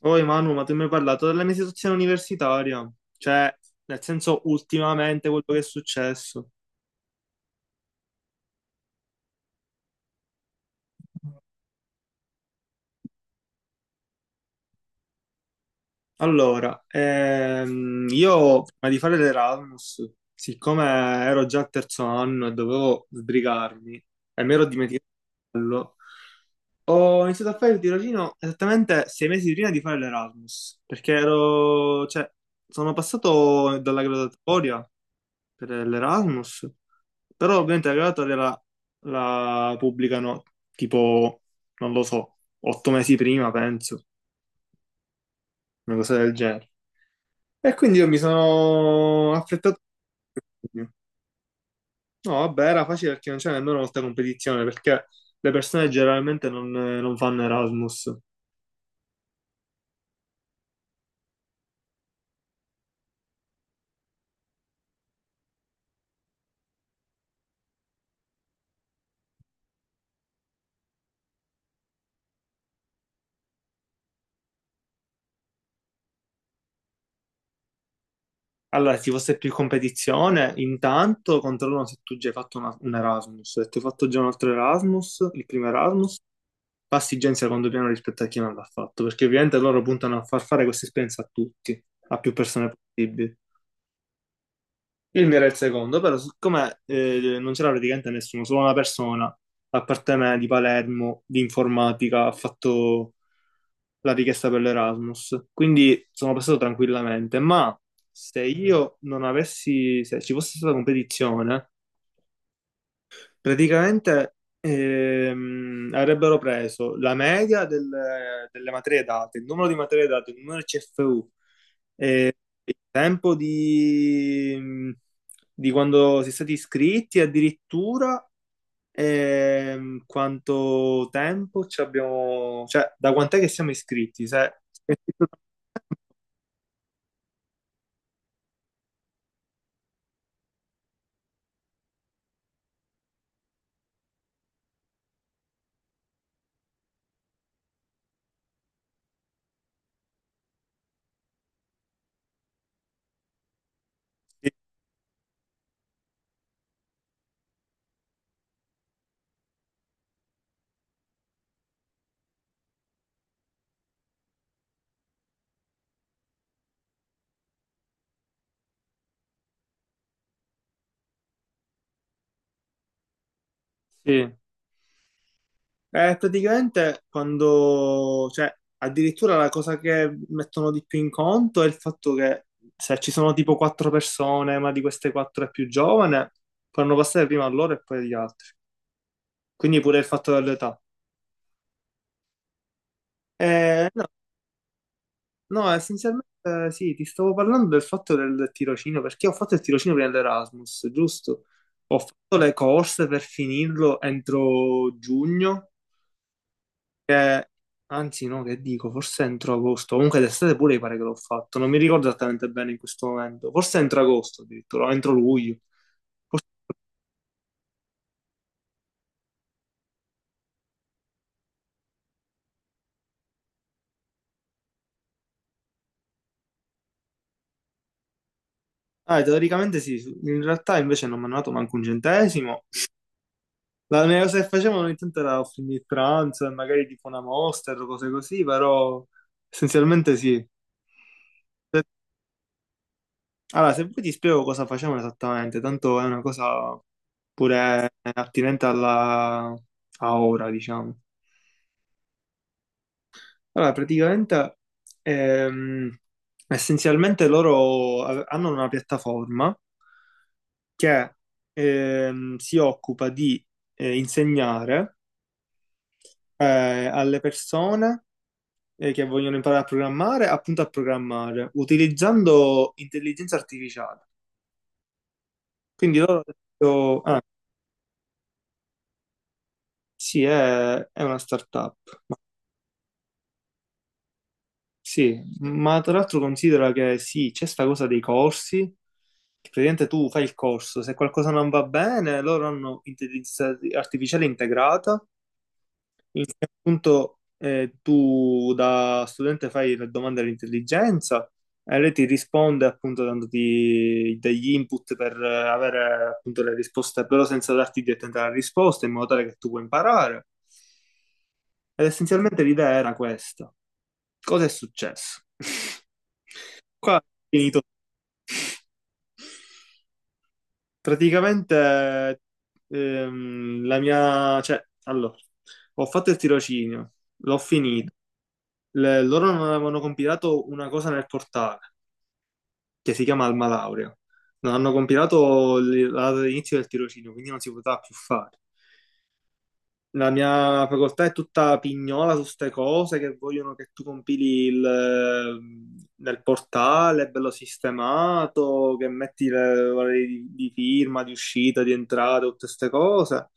Poi Manu, ma tu mi hai parlato della mia situazione universitaria, cioè nel senso ultimamente quello che è successo. Allora, io prima di fare l'Erasmus, siccome ero già al terzo anno e dovevo sbrigarmi e mi ero dimenticato di farlo, ho iniziato a fare il tirocinio esattamente 6 mesi prima di fare l'Erasmus, perché ero, cioè, sono passato dalla graduatoria per l'Erasmus, però ovviamente la graduatoria la pubblicano tipo, non lo so, 8 mesi prima, penso, una cosa del genere. E quindi io mi sono affrettato. No, vabbè, era facile perché non c'era nemmeno molta competizione, perché le persone generalmente non fanno Erasmus. Allora, se ci fosse più competizione, intanto controllano se tu già hai fatto un Erasmus. Se tu hai fatto già un altro Erasmus, il primo Erasmus, Pastigenza quando piano rispetto a chi non l'ha fatto, perché ovviamente loro puntano a far fare questa esperienza a tutti, a più persone possibili. Il mio era il secondo, però siccome non c'era praticamente nessuno, solo una persona, a parte me, di Palermo, di informatica, ha fatto la richiesta per l'Erasmus, quindi sono passato tranquillamente, ma se io non avessi, se ci fosse stata competizione, praticamente avrebbero preso la media delle materie date, il numero di materie date, il numero di CFU, il tempo di quando si è stati iscritti, addirittura quanto tempo ci abbiamo, cioè da quant'è che siamo iscritti? Se- Sì. Praticamente quando, cioè, addirittura la cosa che mettono di più in conto è il fatto che se ci sono tipo quattro persone, ma di queste quattro è più giovane, fanno passare prima a loro e poi agli altri. Quindi pure il fatto dell'età. No, no, essenzialmente sì, ti stavo parlando del fatto del tirocinio, perché ho fatto il tirocinio prima dell'Erasmus, giusto? Ho fatto le corse per finirlo entro giugno. Che- Anzi, no, che dico, forse entro agosto. Comunque d'estate pure mi pare che l'ho fatto. Non mi ricordo esattamente bene in questo momento. Forse entro agosto addirittura, o entro luglio. Ah, teoricamente sì, in realtà invece non mi hanno dato manco un centesimo. La mia cosa che facevano ogni tanto era offrirmi il pranzo e magari tipo una Monster o cose così, però essenzialmente sì. Se- Allora, se poi ti spiego cosa facevano esattamente, tanto è una cosa pure attinente alla... a ora, diciamo. Allora, praticamente, ehm, essenzialmente loro hanno una piattaforma che si occupa di insegnare eh, alle persone che vogliono imparare a programmare, appunto a programmare, utilizzando intelligenza artificiale. Quindi loro hanno detto, ah, sì, è una startup, sì, ma tra l'altro considera che sì, c'è sta cosa dei corsi, praticamente tu fai il corso, se qualcosa non va bene, loro hanno intelligenza artificiale integrata, in cui appunto tu da studente fai le domande all'intelligenza e lei ti risponde appunto dandoti degli input per avere appunto le risposte, però senza darti direttamente la risposta, in modo tale che tu puoi imparare. Ed essenzialmente l'idea era questa. Cosa è successo? Qua è finito. Praticamente la mia, cioè, allora, ho fatto il tirocinio, l'ho finito. Loro non avevano compilato una cosa nel portale che si chiama Alma Laurea. Non hanno compilato la data di inizio del tirocinio, quindi non si poteva più fare. La mia facoltà è tutta pignola su ste cose che vogliono che tu compili il, nel portale, bello sistemato, che metti le varie di firma, di uscita, di entrata, tutte ste cose.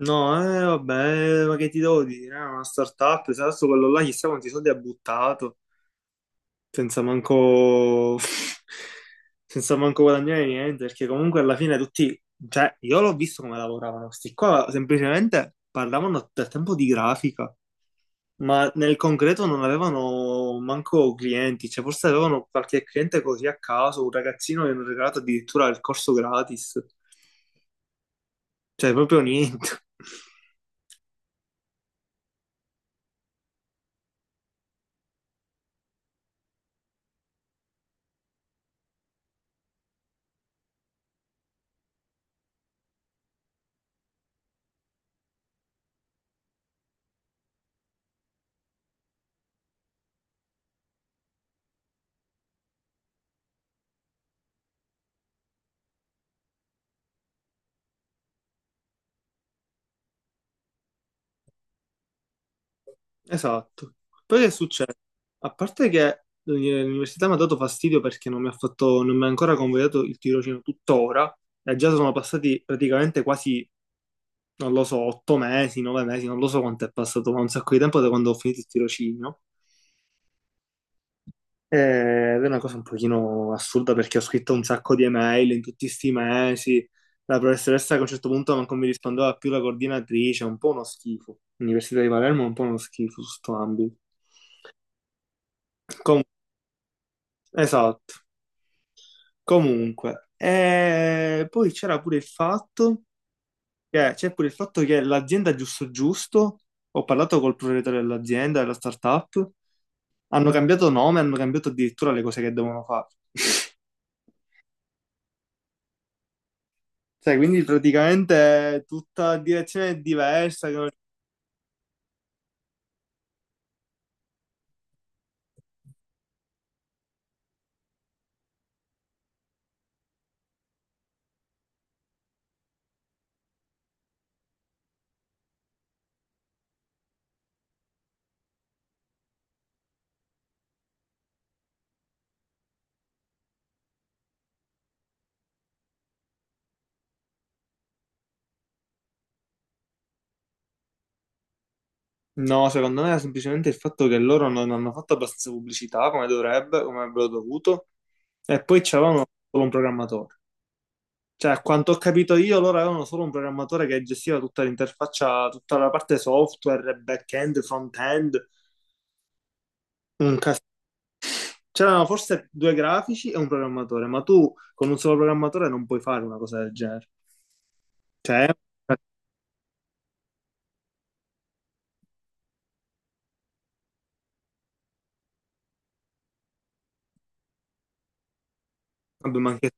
No, vabbè, ma che ti devo dire? È una startup, se adesso quello là chissà quanti soldi ha buttato. Senza manco, senza manco guadagnare niente, perché comunque alla fine tutti, cioè io l'ho visto come lavoravano, questi qua semplicemente parlavano del tempo di grafica, ma nel concreto non avevano manco clienti, cioè forse avevano qualche cliente così a caso, un ragazzino che hanno regalato addirittura il corso gratis, cioè proprio niente. Esatto. Poi che succede? A parte che l'università mi ha dato fastidio perché non mi ha fatto, non mi ha ancora convogliato il tirocinio tuttora, e già sono passati praticamente quasi, non lo so, 8 mesi, 9 mesi, non lo so quanto è passato, ma un sacco di tempo da quando ho finito il tirocinio. Ed è una cosa un pochino assurda perché ho scritto un sacco di email in tutti questi mesi. La professoressa che a un certo punto non mi rispondeva più la coordinatrice, è un po' uno schifo. L'Università di Palermo è un po' uno schifo su sto ambito. Com- esatto. Comunque, poi c'era pure il fatto che, c'è pure il fatto che l'azienda giusto giusto, ho parlato col proprietario dell'azienda, della startup, hanno cambiato nome, hanno cambiato addirittura le cose che devono fare. Cioè, quindi praticamente è tutta direzione diversa. Che non- No, secondo me è semplicemente il fatto che loro non hanno fatto abbastanza pubblicità come dovrebbe, come avrebbero dovuto, e poi c'avevano solo un programmatore. Cioè, a quanto ho capito io, loro avevano solo un programmatore che gestiva tutta l'interfaccia, tutta la parte software, back-end, front-end, un cas- c'erano forse due grafici e un programmatore, ma tu con un solo programmatore non puoi fare una cosa del genere. Cioè, vabbè, ma anche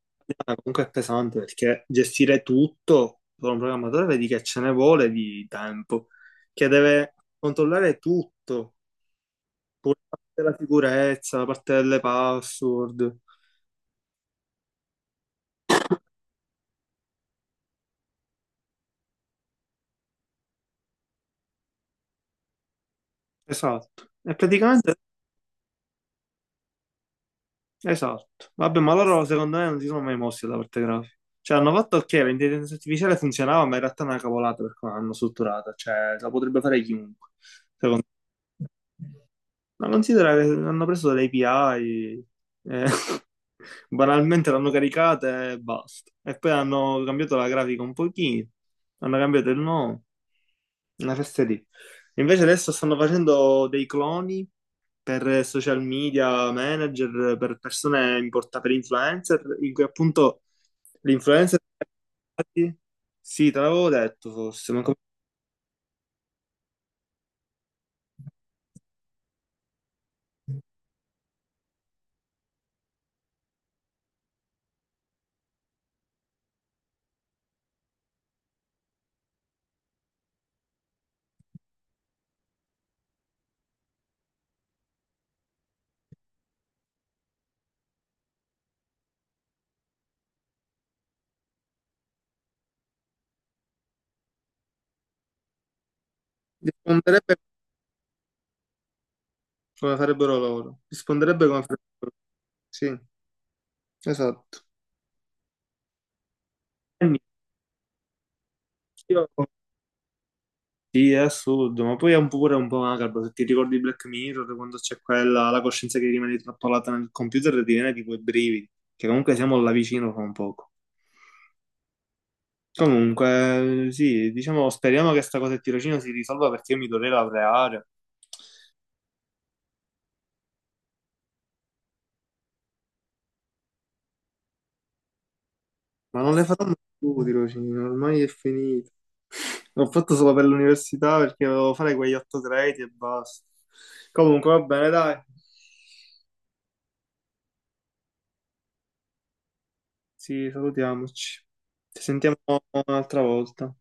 comunque è pesante perché gestire tutto con un programmatore vedi che ce ne vuole di tempo, che deve controllare tutto, pure la parte della sicurezza, la parte delle password. Esatto. E praticamente esatto. Vabbè, ma loro secondo me non si sono mai mossi dalla parte grafica. Cioè, hanno fatto ok, l'intelligenza artificiale funzionava, ma in realtà è una cavolata per come l'hanno strutturata. Cioè, la potrebbe fare chiunque. Secondo me. Ma considera che hanno preso delle API, eh, banalmente l'hanno caricata e basta. E poi hanno cambiato la grafica un pochino, hanno cambiato il nome, una festa lì. Invece adesso stanno facendo dei cloni per social media manager, per persone importanti, per influencer, in cui appunto l'influencer... Sì, te l'avevo detto forse, ma come... risponderebbe come farebbero loro. Risponderebbe come farebbero loro. Sì, esatto. E niente, io- Sì, è assurdo, ma poi è un po' pure un po' macabro, se ti ricordi Black Mirror, quando c'è quella, la coscienza che rimane trappolata nel computer, ti viene tipo i brividi, che comunque siamo là vicino fra un poco. Comunque, sì, diciamo, speriamo che sta cosa del tirocinio si risolva perché io mi dovrei laureare. Ma non le faranno più tirocinio, ormai è finito. L'ho fatto solo per l'università perché dovevo fare quegli 8 crediti e basta. Comunque, va bene, dai. Sì, salutiamoci. Ci sentiamo un'altra volta.